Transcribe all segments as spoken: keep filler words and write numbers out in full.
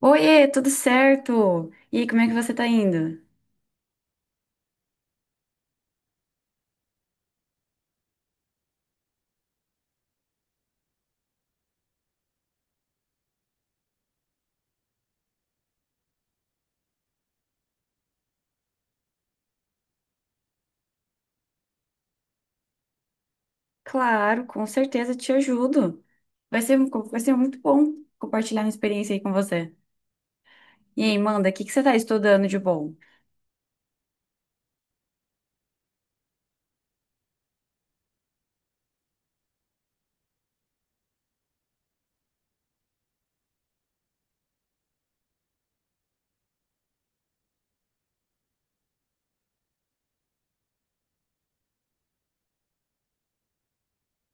Oiê, tudo certo? E aí, como é que você tá indo? Claro, com certeza te ajudo. Vai ser, vai ser muito bom compartilhar minha experiência aí com você. E aí, manda, o que que você tá estudando de bom?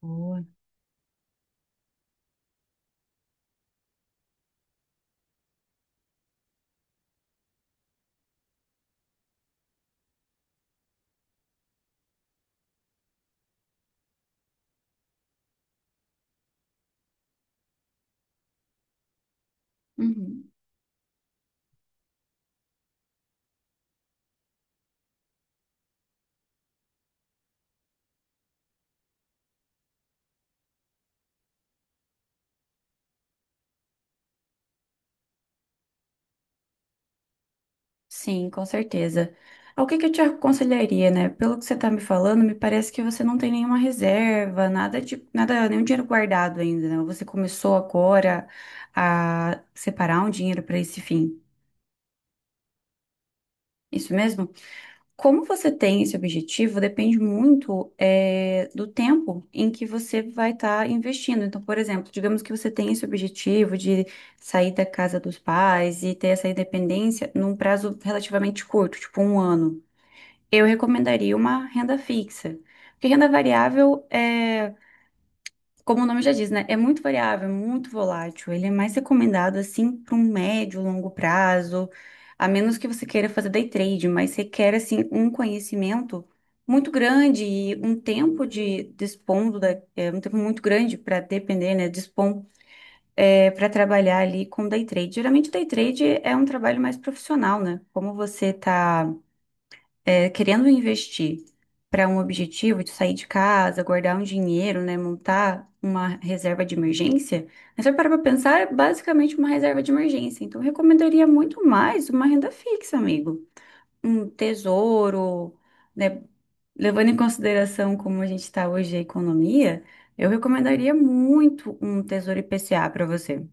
Boa. Uhum. Sim, com certeza. Ah, o que que eu te aconselharia, né? Pelo que você tá me falando, me parece que você não tem nenhuma reserva, nada de, nada, nenhum dinheiro guardado ainda, né? Você começou agora a separar um dinheiro para esse fim. Isso mesmo? Como você tem esse objetivo depende muito eh, do tempo em que você vai estar investindo. Então, por exemplo, digamos que você tem esse objetivo de sair da casa dos pais e ter essa independência num prazo relativamente curto, tipo um ano. Eu recomendaria uma renda fixa. Porque renda variável é como o nome já diz, né? É muito variável, é muito volátil. Ele é mais recomendado assim para um médio, longo prazo, a menos que você queira fazer day trade, mas requer assim um conhecimento muito grande e um tempo de dispondo da, é, um tempo muito grande para depender, né? Dispor para trabalhar ali com day trade. Geralmente day trade é um trabalho mais profissional, né? Como você tá é, querendo investir para um objetivo de sair de casa, guardar um dinheiro, né, montar uma reserva de emergência, mas se eu parar para pensar, é basicamente uma reserva de emergência. Então, eu recomendaria muito mais uma renda fixa, amigo. Um tesouro, né, levando em consideração como a gente está hoje a economia, eu recomendaria muito um tesouro I P C A para você.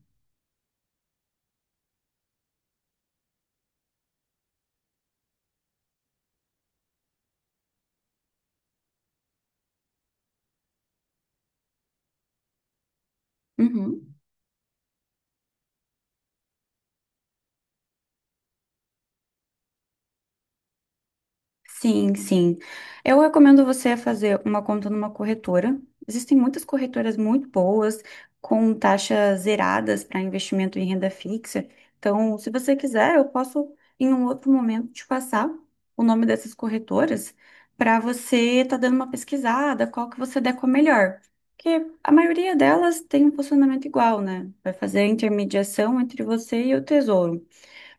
Uhum. Sim, sim. Eu recomendo você fazer uma conta numa corretora. Existem muitas corretoras muito boas, com taxas zeradas para investimento em renda fixa. Então, se você quiser, eu posso, em um outro momento, te passar o nome dessas corretoras para você estar dando uma pesquisada, qual que você der com a melhor. Porque a maioria delas tem um funcionamento igual, né? Vai fazer a intermediação entre você e o tesouro.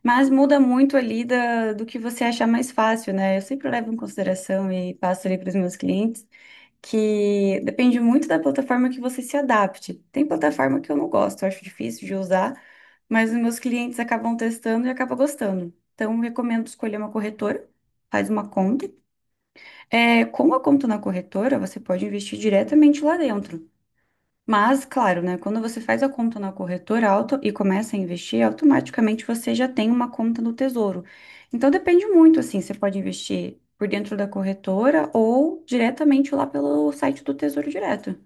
Mas muda muito ali da, do que você achar mais fácil, né? Eu sempre levo em consideração e passo ali para os meus clientes que depende muito da plataforma que você se adapte. Tem plataforma que eu não gosto, eu acho difícil de usar, mas os meus clientes acabam testando e acabam gostando. Então, eu recomendo escolher uma corretora, faz uma conta. É, com a conta na corretora, você pode investir diretamente lá dentro. Mas, claro, né? Quando você faz a conta na corretora auto e começa a investir, automaticamente você já tem uma conta no Tesouro. Então depende muito, assim, você pode investir por dentro da corretora ou diretamente lá pelo site do Tesouro Direto.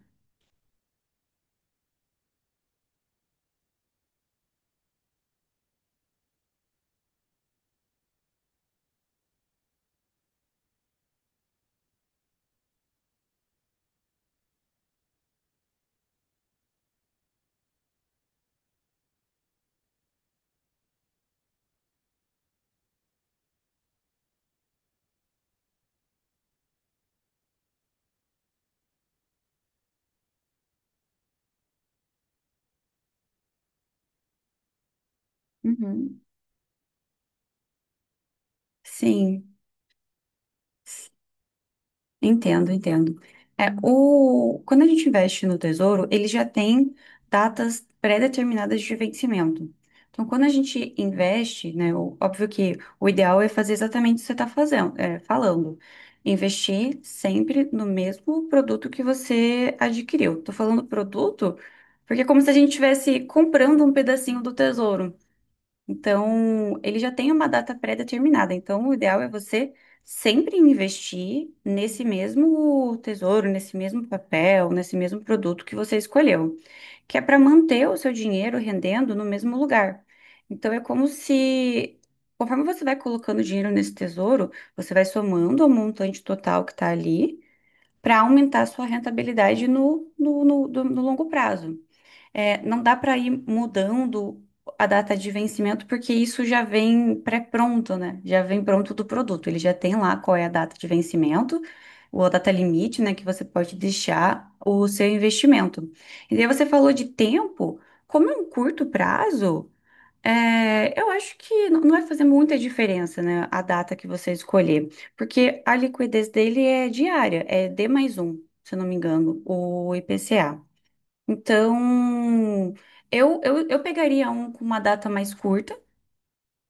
Uhum. Sim. Entendo, entendo. É, o, quando a gente investe no tesouro, ele já tem datas pré-determinadas de vencimento. Então, quando a gente investe, né, o- óbvio que o ideal é fazer exatamente o que você está fazendo, é, falando. Investir sempre no mesmo produto que você adquiriu. Estou falando produto porque é como se a gente estivesse comprando um pedacinho do tesouro. Então, ele já tem uma data pré-determinada. Então, o ideal é você sempre investir nesse mesmo tesouro, nesse mesmo papel, nesse mesmo produto que você escolheu, que é para manter o seu dinheiro rendendo no mesmo lugar. Então, é como se, conforme você vai colocando dinheiro nesse tesouro, você vai somando ao montante total que está ali para aumentar a sua rentabilidade no, no, no do- no longo prazo. É, não dá para ir mudando a data de vencimento, porque isso já vem pré-pronto, né? Já vem pronto do produto. Ele já tem lá qual é a data de vencimento, ou a data limite, né? Que você pode deixar o seu investimento. E daí você falou de tempo, como é um curto prazo, é, eu acho que n- não vai fazer muita diferença, né? A data que você escolher, porque a liquidez dele é diária, é D mais um, se eu não me engano, o I P C A. Então, eu, eu, eu pegaria um com uma data mais curta,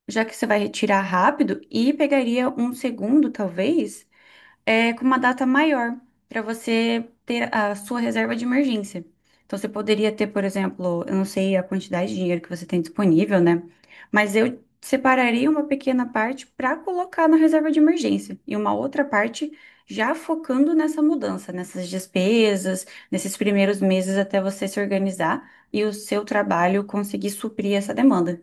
já que você vai retirar rápido, e pegaria um segundo, talvez é, com uma data maior para você ter a sua reserva de emergência. Então, você poderia ter, por exemplo, eu não sei a quantidade de dinheiro que você tem disponível, né? Mas eu separaria uma pequena parte para colocar na reserva de emergência e uma outra parte já focando nessa mudança, nessas despesas, nesses primeiros meses até você se organizar e o seu trabalho conseguir suprir essa demanda.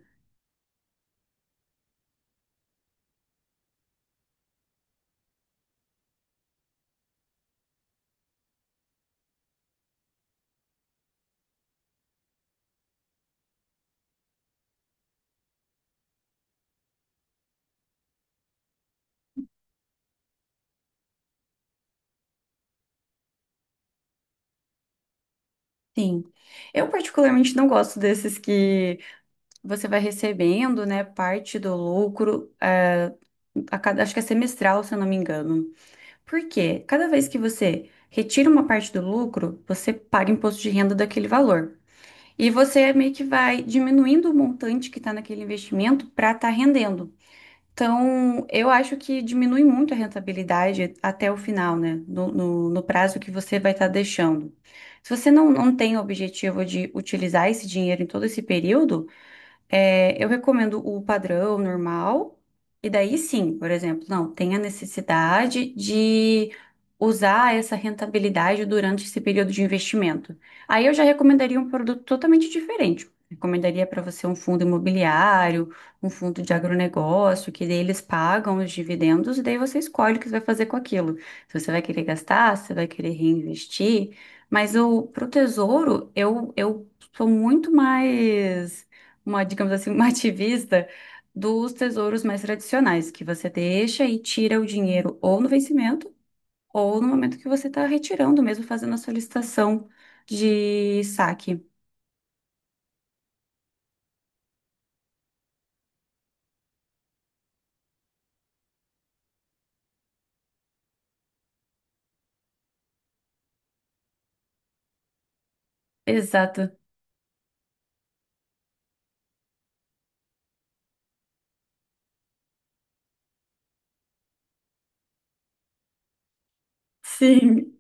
Sim. Eu particularmente não gosto desses que você vai recebendo, né, parte do lucro, a, a cada, acho que é semestral, se eu não me engano. Por quê? Cada vez que você retira uma parte do lucro, você paga imposto de renda daquele valor. E você meio que vai diminuindo o montante que está naquele investimento para estar rendendo. Então, eu acho que diminui muito a rentabilidade até o final, né? No, no, no prazo que você vai estar deixando. Se você não, não tem o objetivo de utilizar esse dinheiro em todo esse período, é, eu recomendo o padrão normal, e daí sim, por exemplo, não, tem a necessidade de usar essa rentabilidade durante esse período de investimento. Aí eu já recomendaria um produto totalmente diferente. Recomendaria para você um fundo imobiliário, um fundo de agronegócio, que daí eles pagam os dividendos e daí você escolhe o que você vai fazer com aquilo. Se você vai querer gastar, se você vai querer reinvestir. Mas o, pro tesouro, eu, eu sou muito mais uma, digamos assim, uma ativista dos tesouros mais tradicionais, que você deixa e tira o dinheiro ou no vencimento, ou no momento que você está retirando, mesmo fazendo a solicitação de saque. Exato. Sim.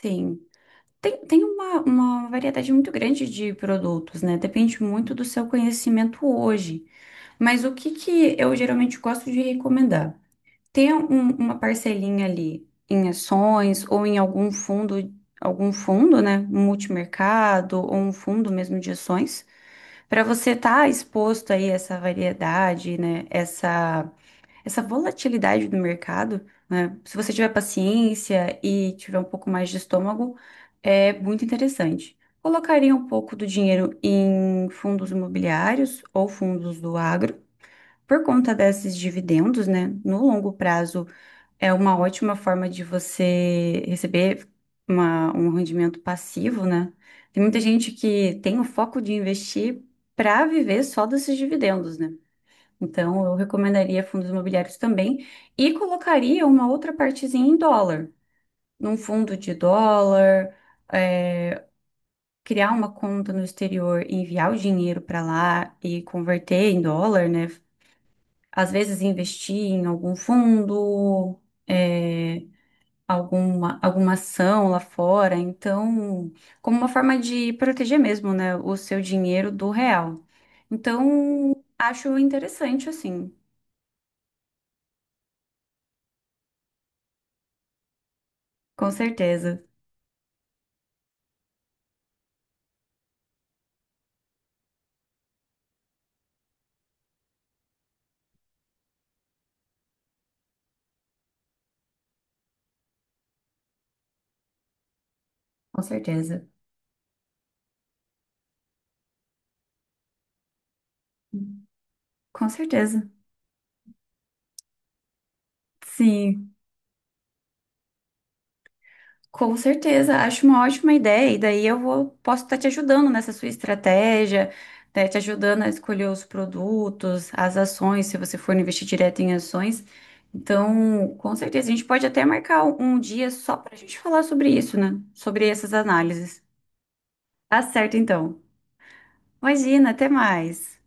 Sim. Tem, tem uma, uma variedade muito grande de produtos, né? Depende muito do seu conhecimento hoje. Mas o que que eu geralmente gosto de recomendar? Ter um- uma parcelinha ali em ações ou em algum fundo, algum fundo, né? Um multimercado ou um fundo mesmo de ações, para você estar exposto aí a essa variedade, né? Essa, essa volatilidade do mercado, né? Se você tiver paciência e tiver um pouco mais de estômago, é muito interessante. Colocaria um pouco do dinheiro em fundos imobiliários ou fundos do agro. Por conta desses dividendos, né? No longo prazo, é uma ótima forma de você receber uma- um rendimento passivo, né? Tem muita gente que tem o foco de investir para viver só desses dividendos, né? Então, eu recomendaria fundos imobiliários também e colocaria uma outra partezinha em dólar, num fundo de dólar, é, criar uma conta no exterior, e enviar o dinheiro para lá e converter em dólar, né? Às vezes investir em algum fundo. é, alguma, alguma ação lá fora. Então, como uma forma de proteger mesmo, né, o seu dinheiro do real. Então, acho interessante, assim, com certeza, com certeza, com certeza. Sim. Com certeza, acho uma ótima ideia, e daí eu vou, posso estar te ajudando nessa sua estratégia, né, te ajudando a escolher os produtos, as ações, se você for investir direto em ações. Então, com certeza, a gente pode até marcar um um dia só para a gente falar sobre isso, né? Sobre essas análises. Tá certo, então. Imagina, até mais.